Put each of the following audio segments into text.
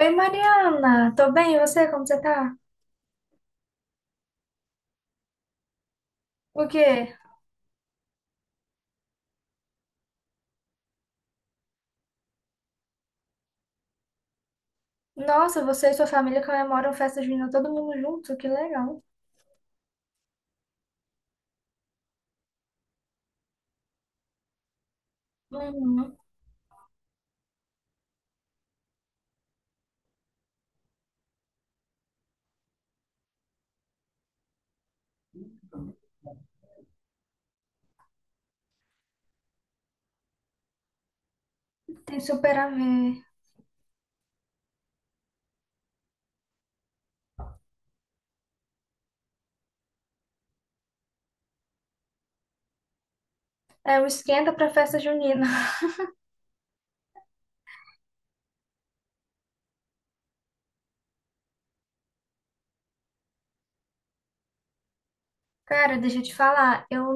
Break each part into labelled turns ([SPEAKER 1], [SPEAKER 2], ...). [SPEAKER 1] Oi, Mariana, tô bem, e você? Como você tá? O quê? Nossa, você e sua família comemoram festa junina todo mundo junto, que legal. Uhum, tem super a ver. É o esquenta pra festa junina. Cara, deixa eu te falar, eu,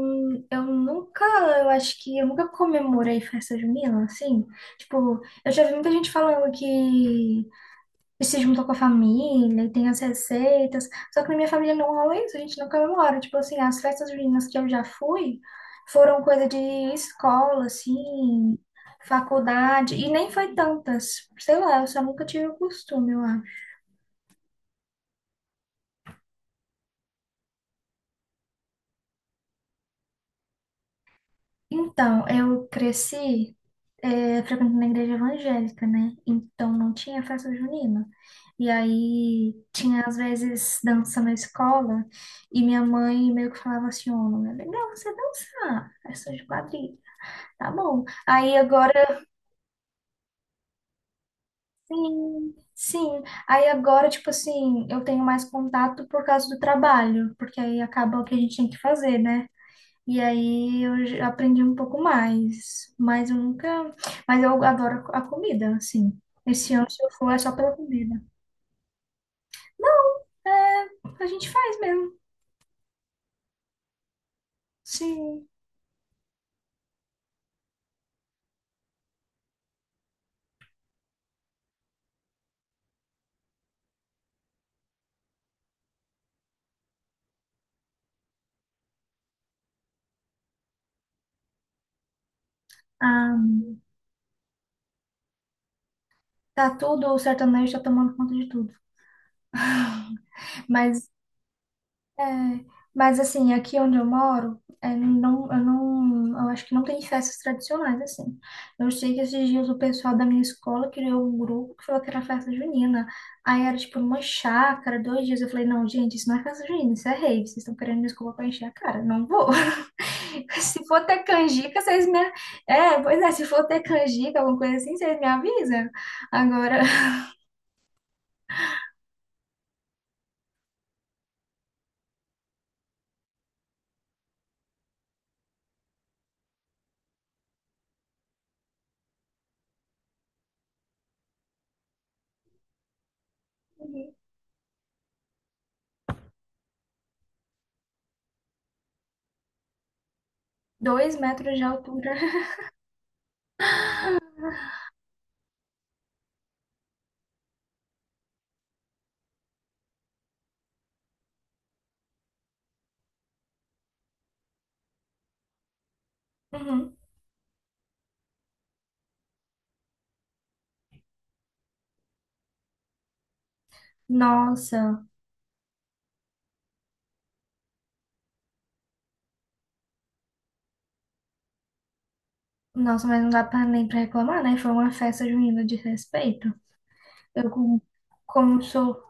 [SPEAKER 1] eu nunca, eu acho que eu nunca comemorei festa junina, assim. Tipo, eu já vi muita gente falando que e se juntou com a família e tem as receitas. Só que na minha família não rola isso, a gente não comemora. Tipo assim, as festas juninas que eu já fui foram coisa de escola, assim, faculdade, e nem foi tantas. Sei lá, eu só nunca tive o costume, lá. Então, eu cresci frequentando a igreja evangélica, né? Então não tinha festa junina. E aí tinha às vezes dança na escola e minha mãe meio que falava assim, ô, não é legal você dançar, é só de quadrilha, tá bom. Aí agora, sim, sim. Aí agora, tipo assim, eu tenho mais contato por causa do trabalho, porque aí acaba o que a gente tem que fazer, né? E aí eu já aprendi um pouco mais, mas eu nunca, mas eu adoro a comida, assim. Esse ano, se eu for, é só pela comida. Não, é, a gente faz mesmo. Sim. Ah, tá tudo, o sertanejo tá tomando conta de tudo. Mas é, mas assim, aqui onde eu moro, é, não, eu acho que não tem festas tradicionais, assim. Eu sei que esses dias o pessoal da minha escola criou um grupo que falou que era festa junina. Aí era tipo uma chácara, dois dias. Eu falei, não, gente, isso não é festa junina, isso é rave. Vocês estão querendo me desculpa pra encher a cara. Não vou. Se for ter canjica, vocês me... É, pois é, se for ter canjica, alguma coisa assim, vocês me avisam. Agora, dois metros de altura. Uhum. Nossa, Nossa, mas não dá pra nem pra reclamar, né? Foi uma festa junina de respeito. Eu, com- como sou,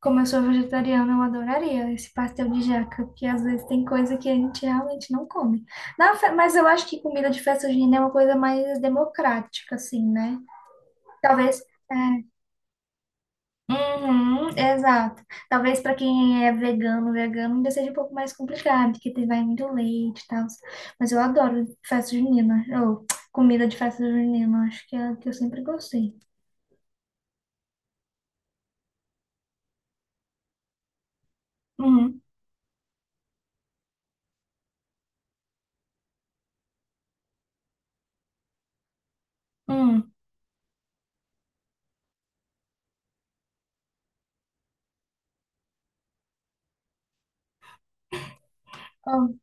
[SPEAKER 1] como eu sou vegetariana, eu adoraria esse pastel de jaca, porque às vezes tem coisa que a gente realmente não come. Na fe- mas eu acho que comida de festa junina é uma coisa mais democrática, assim, né? Talvez. É, uhum, exato. Talvez para quem é vegano, vegano ainda seja um pouco mais complicado, porque tem vai muito leite e tal. Mas eu adoro festa junina, ou comida de festa junina, acho que é a que eu sempre gostei. Uhum, uhum. Oh,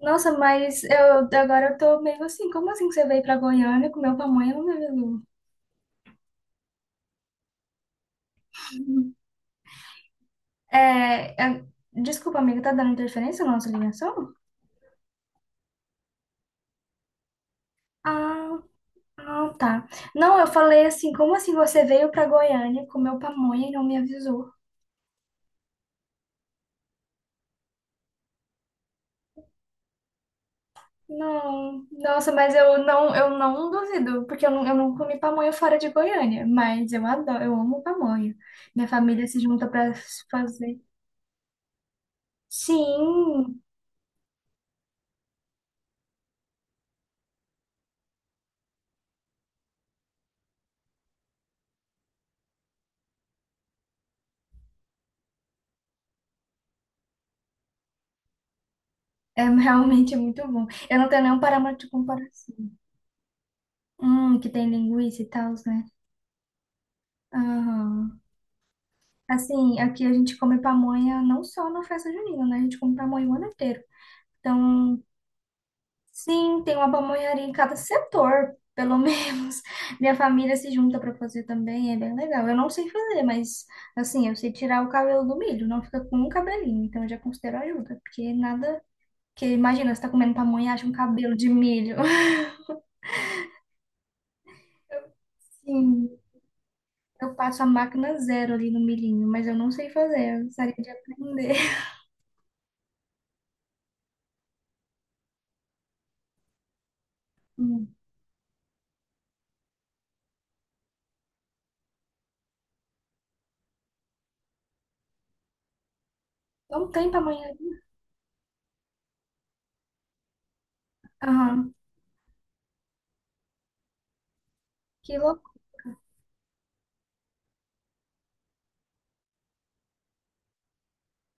[SPEAKER 1] nossa, mas eu agora eu tô meio assim, como assim que você veio pra Goiânia e comeu pamonha no meu... Uhum. É, é, desculpa, amiga, tá dando interferência na nossa ligação? Ah, ah, tá. Não, eu falei assim, como assim você veio pra Goiânia, comeu pamonha e não me avisou? Não, nossa, mas eu não duvido, porque eu não comi pamonha fora de Goiânia, mas eu adoro, eu amo pamonha. Minha família se junta pra fazer. Sim, é realmente muito bom. Eu não tenho nenhum parâmetro de comparação. Que tem linguiça e tal, né? Aham. Assim, aqui a gente come pamonha não só na festa junina, né? A gente come pamonha o ano inteiro. Então, sim, tem uma pamonharia em cada setor, pelo menos. Minha família se junta para fazer também, é bem legal. Eu não sei fazer, mas assim, eu sei tirar o cabelo do milho, não fica com um cabelinho, então eu já considero ajuda, porque nada. Porque imagina, você tá comendo pamonha e acha um cabelo de milho. Sim, eu passo a máquina zero ali no milhinho, mas eu não sei fazer, eu gostaria de aprender. Hum. Não tem pamonharia. Aham, que louco.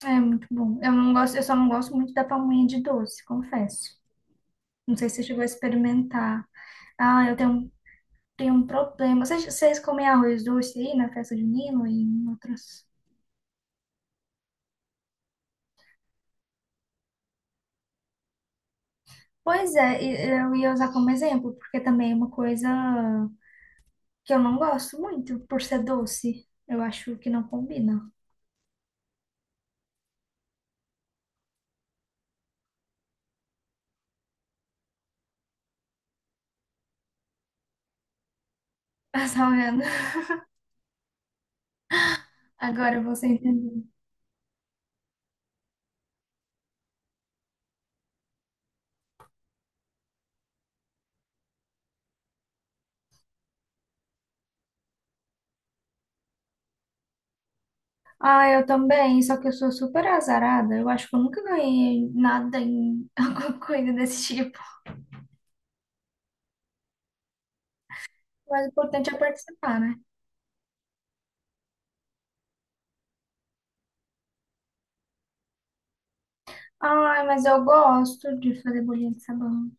[SPEAKER 1] É muito bom. Eu só não gosto muito da pamonha de doce, confesso. Não sei se você chegou a experimentar. Ah, tenho um problema. Vocês comem arroz doce aí na festa junina e em outros? Pois é, e- eu ia usar como exemplo, porque também é uma coisa que eu não gosto muito, por ser doce. Eu acho que não combina. Tá vendo? Agora você entendeu. Ah, eu também, só que eu sou super azarada. Eu acho que eu nunca ganhei nada em alguma coisa desse tipo. Mas o importante é participar, né? Ai, mas eu gosto de fazer bolinha de sabão.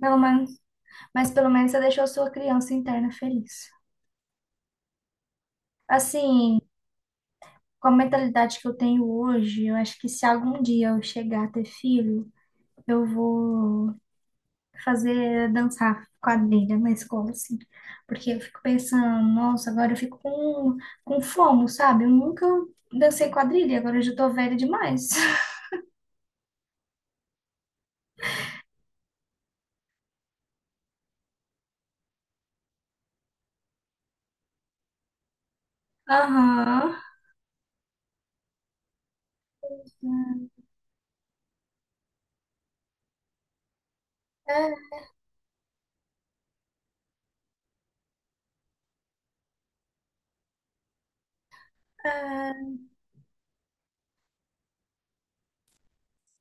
[SPEAKER 1] Pelo menos, mas pelo menos você deixou sua criança interna feliz. Assim, com a mentalidade que eu tenho hoje, eu acho que se algum dia eu chegar a ter filho, eu vou fazer dançar quadrilha na escola, assim. Porque eu fico pensando, nossa, agora eu fico com fomo, sabe? Eu nunca dancei quadrilha, agora eu já tô velha demais. Aham. É, é.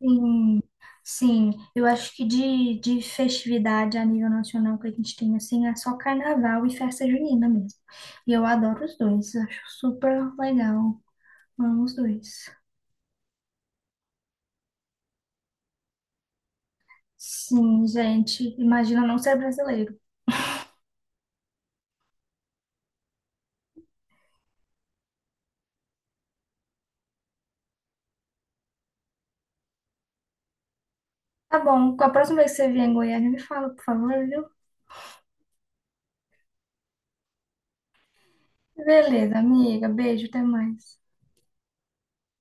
[SPEAKER 1] Sim, sim. Eu acho que de festividade a nível nacional que a gente tem, assim, é só carnaval e festa junina mesmo. E eu adoro os dois, acho super legal. Amo os dois. Sim, gente, imagina não ser brasileiro. Tá bom, com a próxima vez que você vier em Goiânia, me fala, por favor, viu? Beleza, amiga, beijo, até mais.